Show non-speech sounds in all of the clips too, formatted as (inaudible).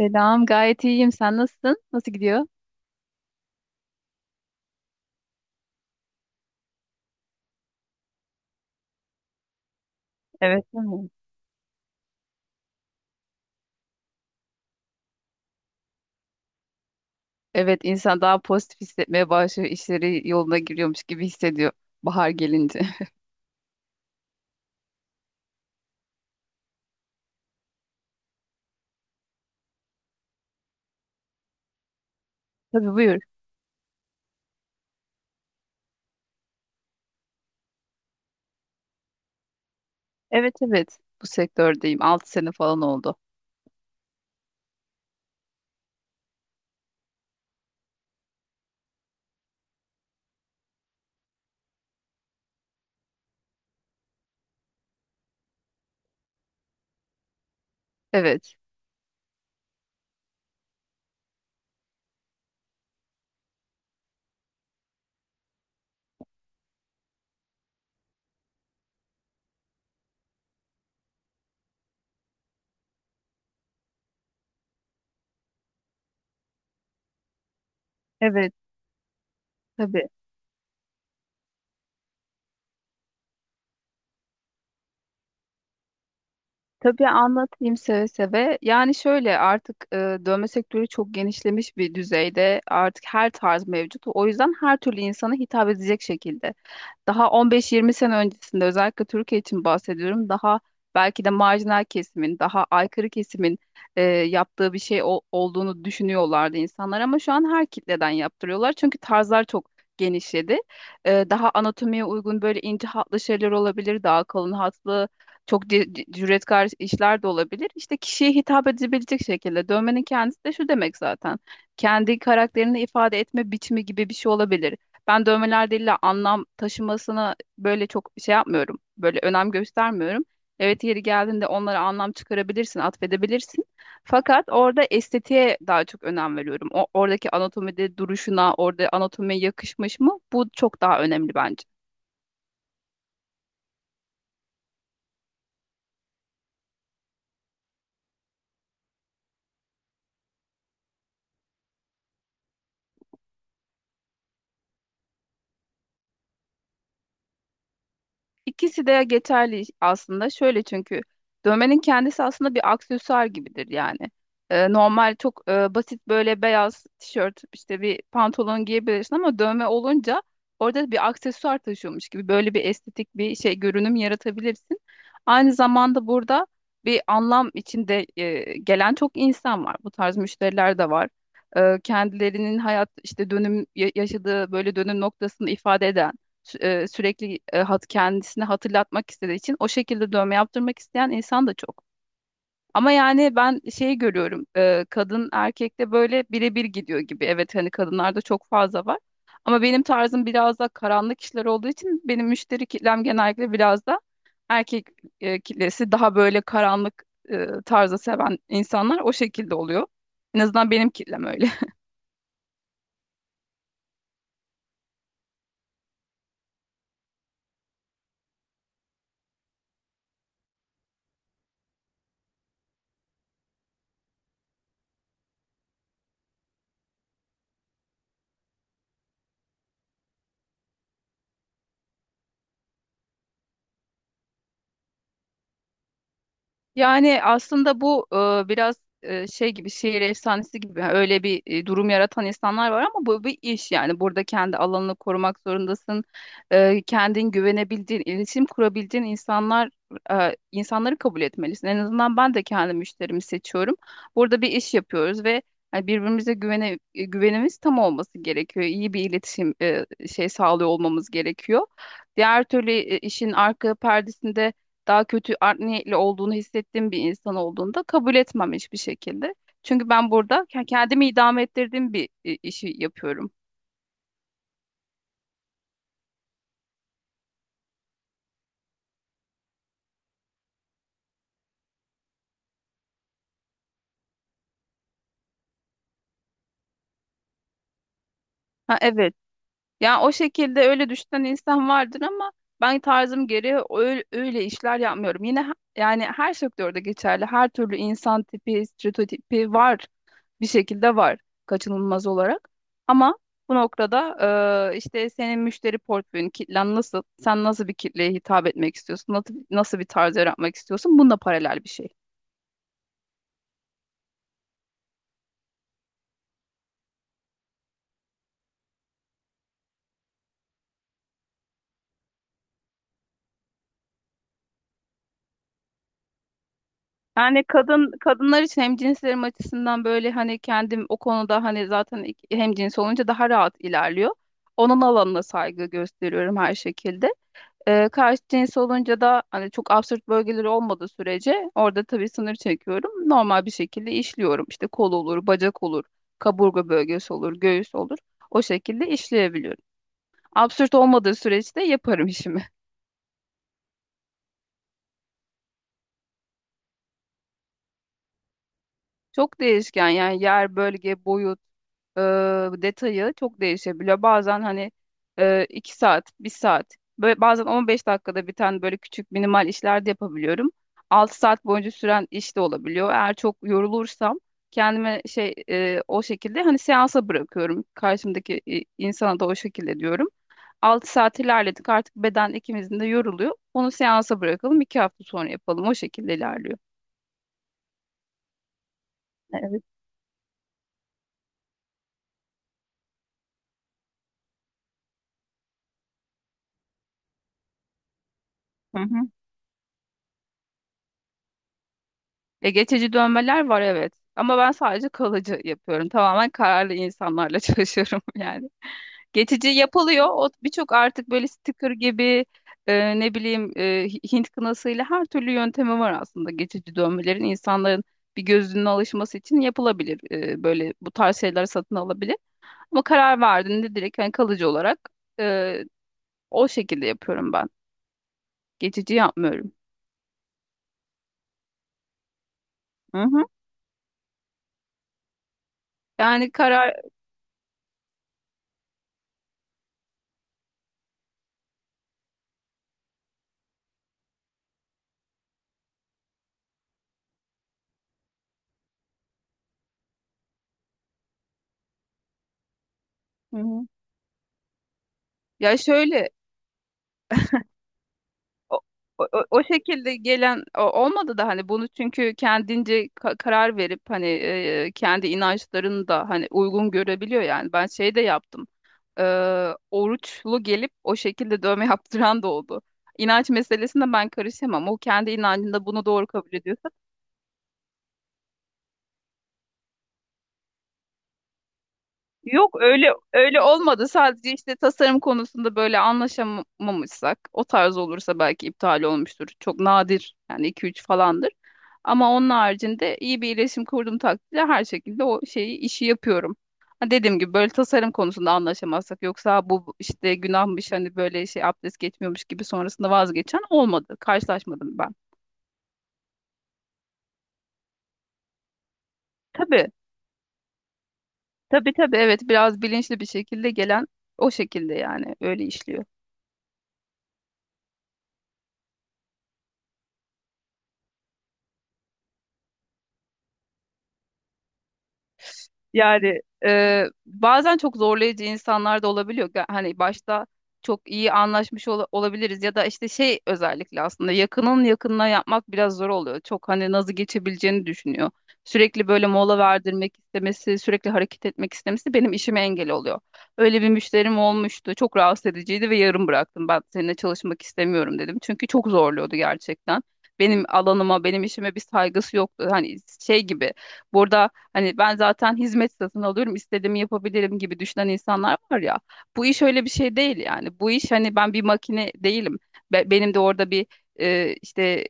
Selam, gayet iyiyim. Sen nasılsın? Nasıl gidiyor? Evet, değil mi? Evet, insan daha pozitif hissetmeye başlıyor. İşleri yoluna giriyormuş gibi hissediyor bahar gelince. (laughs) Tabii, buyur. Evet, evet. Bu sektördeyim. 6 sene falan oldu. Evet, evet. Tabii. Tabii anlatayım seve seve. Yani şöyle artık dövme sektörü çok genişlemiş bir düzeyde. Artık her tarz mevcut. O yüzden her türlü insana hitap edecek şekilde. Daha 15-20 sene öncesinde özellikle Türkiye için bahsediyorum. Daha belki de marjinal kesimin, daha aykırı kesimin yaptığı bir şey olduğunu düşünüyorlardı insanlar ama şu an her kitleden yaptırıyorlar. Çünkü tarzlar çok genişledi. Daha anatomiye uygun böyle ince hatlı şeyler olabilir, daha kalın hatlı çok cüretkar işler de olabilir. İşte kişiye hitap edebilecek şekilde dövmenin kendisi de şu demek zaten. Kendi karakterini ifade etme biçimi gibi bir şey olabilir. Ben dövmeler değil de anlam taşımasına böyle çok şey yapmıyorum. Böyle önem göstermiyorum. Evet, yeri geldiğinde onlara anlam çıkarabilirsin, atfedebilirsin. Fakat orada estetiğe daha çok önem veriyorum. Oradaki anatomide duruşuna, orada anatomiye yakışmış mı? Bu çok daha önemli bence. İkisi de geçerli aslında. Şöyle, çünkü dövmenin kendisi aslında bir aksesuar gibidir yani. Normal, çok basit, böyle beyaz tişört, işte bir pantolon giyebilirsin ama dövme olunca orada bir aksesuar taşıyormuş gibi böyle bir estetik, bir şey görünüm yaratabilirsin. Aynı zamanda burada bir anlam içinde gelen çok insan var. Bu tarz müşteriler de var. Kendilerinin hayat işte dönüm yaşadığı böyle dönüm noktasını ifade eden sürekli hat kendisini hatırlatmak istediği için o şekilde dövme yaptırmak isteyen insan da çok. Ama yani ben şeyi görüyorum, kadın erkekte böyle birebir gidiyor gibi. Evet, hani kadınlarda çok fazla var. Ama benim tarzım biraz da karanlık işler olduğu için benim müşteri kitlem genellikle biraz da erkek kitlesi, daha böyle karanlık tarzı seven insanlar, o şekilde oluyor. En azından benim kitlem öyle. Yani aslında bu biraz şey gibi, şehir efsanesi gibi yani. Öyle bir durum yaratan insanlar var ama bu bir iş, yani burada kendi alanını korumak zorundasın. Kendin güvenebildiğin, iletişim kurabildiğin insanlar insanları kabul etmelisin. En azından ben de kendi müşterimi seçiyorum. Burada bir iş yapıyoruz ve hani birbirimize güvenimiz tam olması gerekiyor. İyi bir iletişim şey sağlıyor olmamız gerekiyor. Diğer türlü işin arka perdesinde daha kötü, art niyetli olduğunu hissettiğim bir insan olduğunda kabul etmem hiçbir şekilde. Çünkü ben burada kendimi idame ettirdiğim bir işi yapıyorum. Ha evet. Ya, o şekilde öyle düşünen insan vardır ama ben tarzım gereği öyle işler yapmıyorum. Yine yani her sektörde geçerli. Her türlü insan tipi, stereotipi var. Bir şekilde var, kaçınılmaz olarak. Ama bu noktada işte senin müşteri portföyün, kitlen nasıl, sen nasıl bir kitleye hitap etmek istiyorsun, nasıl bir tarz yaratmak istiyorsun, bununla paralel bir şey. Yani kadınlar için, hemcinslerim açısından, böyle hani kendim o konuda, hani zaten hemcins olunca daha rahat ilerliyor. Onun alanına saygı gösteriyorum her şekilde. Karşı cins olunca da hani çok absürt bölgeleri olmadığı sürece orada tabii sınır çekiyorum. Normal bir şekilde işliyorum. İşte kol olur, bacak olur, kaburga bölgesi olur, göğüs olur. O şekilde işleyebiliyorum. Absürt olmadığı süreçte yaparım işimi. Çok değişken yani; yer, bölge, boyut, e, detayı çok değişebiliyor. Bazen hani 2 saat, bir saat, böyle, bazen 15 dakikada biten böyle küçük minimal işler de yapabiliyorum. 6 saat boyunca süren iş de olabiliyor. Eğer çok yorulursam kendime o şekilde hani seansa bırakıyorum. Karşımdaki insana da o şekilde diyorum. 6 saat ilerledik, artık beden ikimizin de yoruluyor. Onu seansa bırakalım, 2 hafta sonra yapalım. O şekilde ilerliyor. Evet. Ya, geçici dönmeler var evet. Ama ben sadece kalıcı yapıyorum. Tamamen kararlı insanlarla (laughs) çalışıyorum yani. Geçici yapılıyor. O birçok, artık böyle sticker gibi, ne bileyim, Hint kınasıyla, her türlü yöntemi var aslında geçici dönmelerin. İnsanların bir gözünün alışması için yapılabilir. Böyle bu tarz şeyler satın alabilir. Ama karar verdiğinde direkt hani kalıcı olarak e, o şekilde yapıyorum ben. Geçici yapmıyorum. Hı hı. Yani karar Hı hı. Ya şöyle, o, o şekilde gelen olmadı da, hani bunu çünkü kendince karar verip hani kendi inançlarını da hani uygun görebiliyor yani. Ben şey de yaptım, E, oruçlu gelip o şekilde dövme (laughs) yaptıran da oldu. İnanç meselesinde ben karışamam. O kendi inancında bunu doğru kabul ediyorsa. Yok, öyle öyle olmadı. Sadece işte tasarım konusunda böyle anlaşamamışsak, o tarz olursa belki iptal olmuştur. Çok nadir yani, iki üç falandır. Ama onun haricinde iyi bir iletişim kurduğum takdirde her şekilde o şeyi, işi yapıyorum. Ha, dediğim gibi böyle tasarım konusunda anlaşamazsak; yoksa bu işte günahmış, hani böyle şey, abdest geçmiyormuş gibi sonrasında vazgeçen olmadı. Karşılaşmadım ben. Tabii, tabii tabii evet, biraz bilinçli bir şekilde gelen o şekilde yani, öyle işliyor. Yani bazen çok zorlayıcı insanlar da olabiliyor. Hani başta çok iyi anlaşmış olabiliriz ya da işte şey, özellikle aslında yakının yakınına yapmak biraz zor oluyor. Çok hani nazı geçebileceğini düşünüyor. Sürekli böyle mola verdirmek istemesi, sürekli hareket etmek istemesi benim işime engel oluyor. Öyle bir müşterim olmuştu. Çok rahatsız ediciydi ve yarım bıraktım. Ben seninle çalışmak istemiyorum dedim. Çünkü çok zorluyordu gerçekten. Benim alanıma, benim işime bir saygısı yoktu. Hani şey gibi. Burada hani ben zaten hizmet satın alıyorum, istediğimi yapabilirim gibi düşünen insanlar var ya. Bu iş öyle bir şey değil yani. Bu iş hani, ben bir makine değilim. Benim de orada bir işte.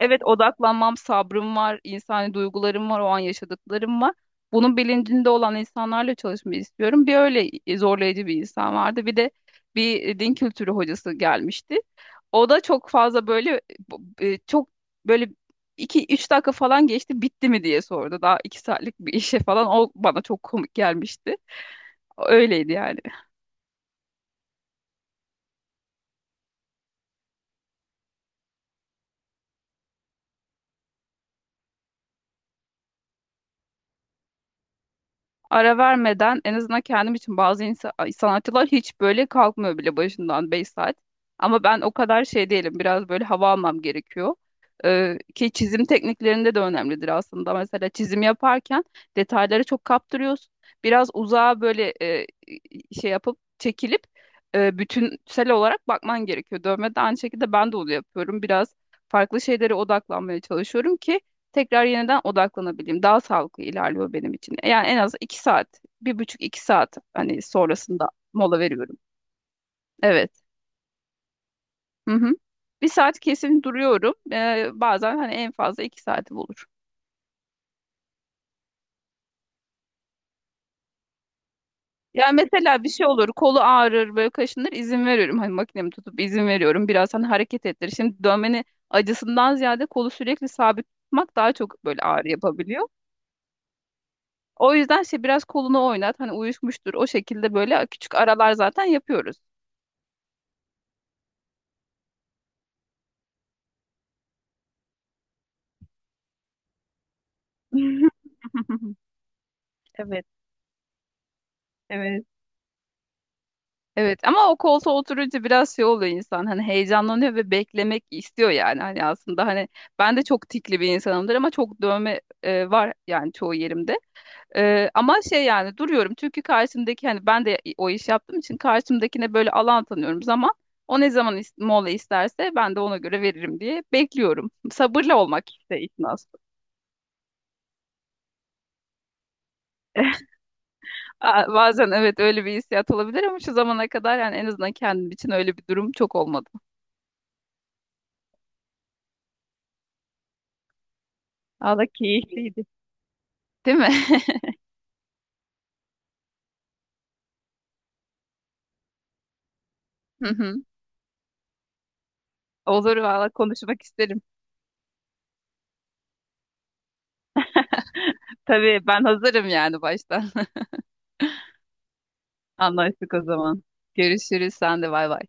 Evet, odaklanmam, sabrım var, insani duygularım var, o an yaşadıklarım var. Bunun bilincinde olan insanlarla çalışmayı istiyorum. Bir öyle zorlayıcı bir insan vardı. Bir de bir din kültürü hocası gelmişti. O da çok fazla böyle çok böyle iki üç dakika falan geçti, bitti mi diye sordu. Daha 2 saatlik bir işe falan, o bana çok komik gelmişti. Öyleydi yani. Ara vermeden en azından kendim için, bazı sanatçılar hiç böyle kalkmıyor bile başından, 5 saat. Ama ben o kadar şey değilim. Biraz böyle hava almam gerekiyor. Ki çizim tekniklerinde de önemlidir aslında. Mesela çizim yaparken detayları çok kaptırıyorsun. Biraz uzağa böyle şey yapıp çekilip bütünsel olarak bakman gerekiyor. Dövme de aynı şekilde, ben de onu yapıyorum. Biraz farklı şeylere odaklanmaya çalışıyorum ki tekrar yeniden odaklanabileyim. Daha sağlıklı ilerliyor benim için. Yani en az iki saat, bir buçuk iki saat hani sonrasında mola veriyorum. Evet. Hı hı. Bir saat kesin duruyorum. Bazen hani en fazla 2 saati bulur. Yani mesela bir şey olur, kolu ağrır, böyle kaşınır, izin veriyorum. Hani makinemi tutup izin veriyorum. Biraz hani hareket ettir. Şimdi dövmenin acısından ziyade kolu sürekli sabit tutmak daha çok böyle ağrı yapabiliyor. O yüzden şey, biraz kolunu oynat, hani uyuşmuştur. O şekilde böyle küçük aralar zaten yapıyoruz. (laughs) Evet, evet, evet. Ama o koltuğa oturunca biraz şey oluyor insan. Hani heyecanlanıyor ve beklemek istiyor yani. Hani aslında hani ben de çok tikli bir insanımdır ama çok dövme var yani, çoğu yerimde. Ama şey yani, duruyorum çünkü karşımdaki, hani ben de o iş yaptığım için karşımdakine böyle alan tanıyorum zaman. O ne zaman mola isterse ben de ona göre veririm diye bekliyorum. Sabırlı olmak işte, işin aslı. Aa, bazen evet öyle bir hissiyat olabilir ama şu zamana kadar, yani en azından kendim için öyle bir durum çok olmadı. Valla keyifliydi. Değil mi? (laughs) Hı hı. Olur, valla konuşmak isterim. (laughs) Tabii, ben hazırım yani baştan. (laughs) Anlaştık o zaman. Görüşürüz, sen de bay bay.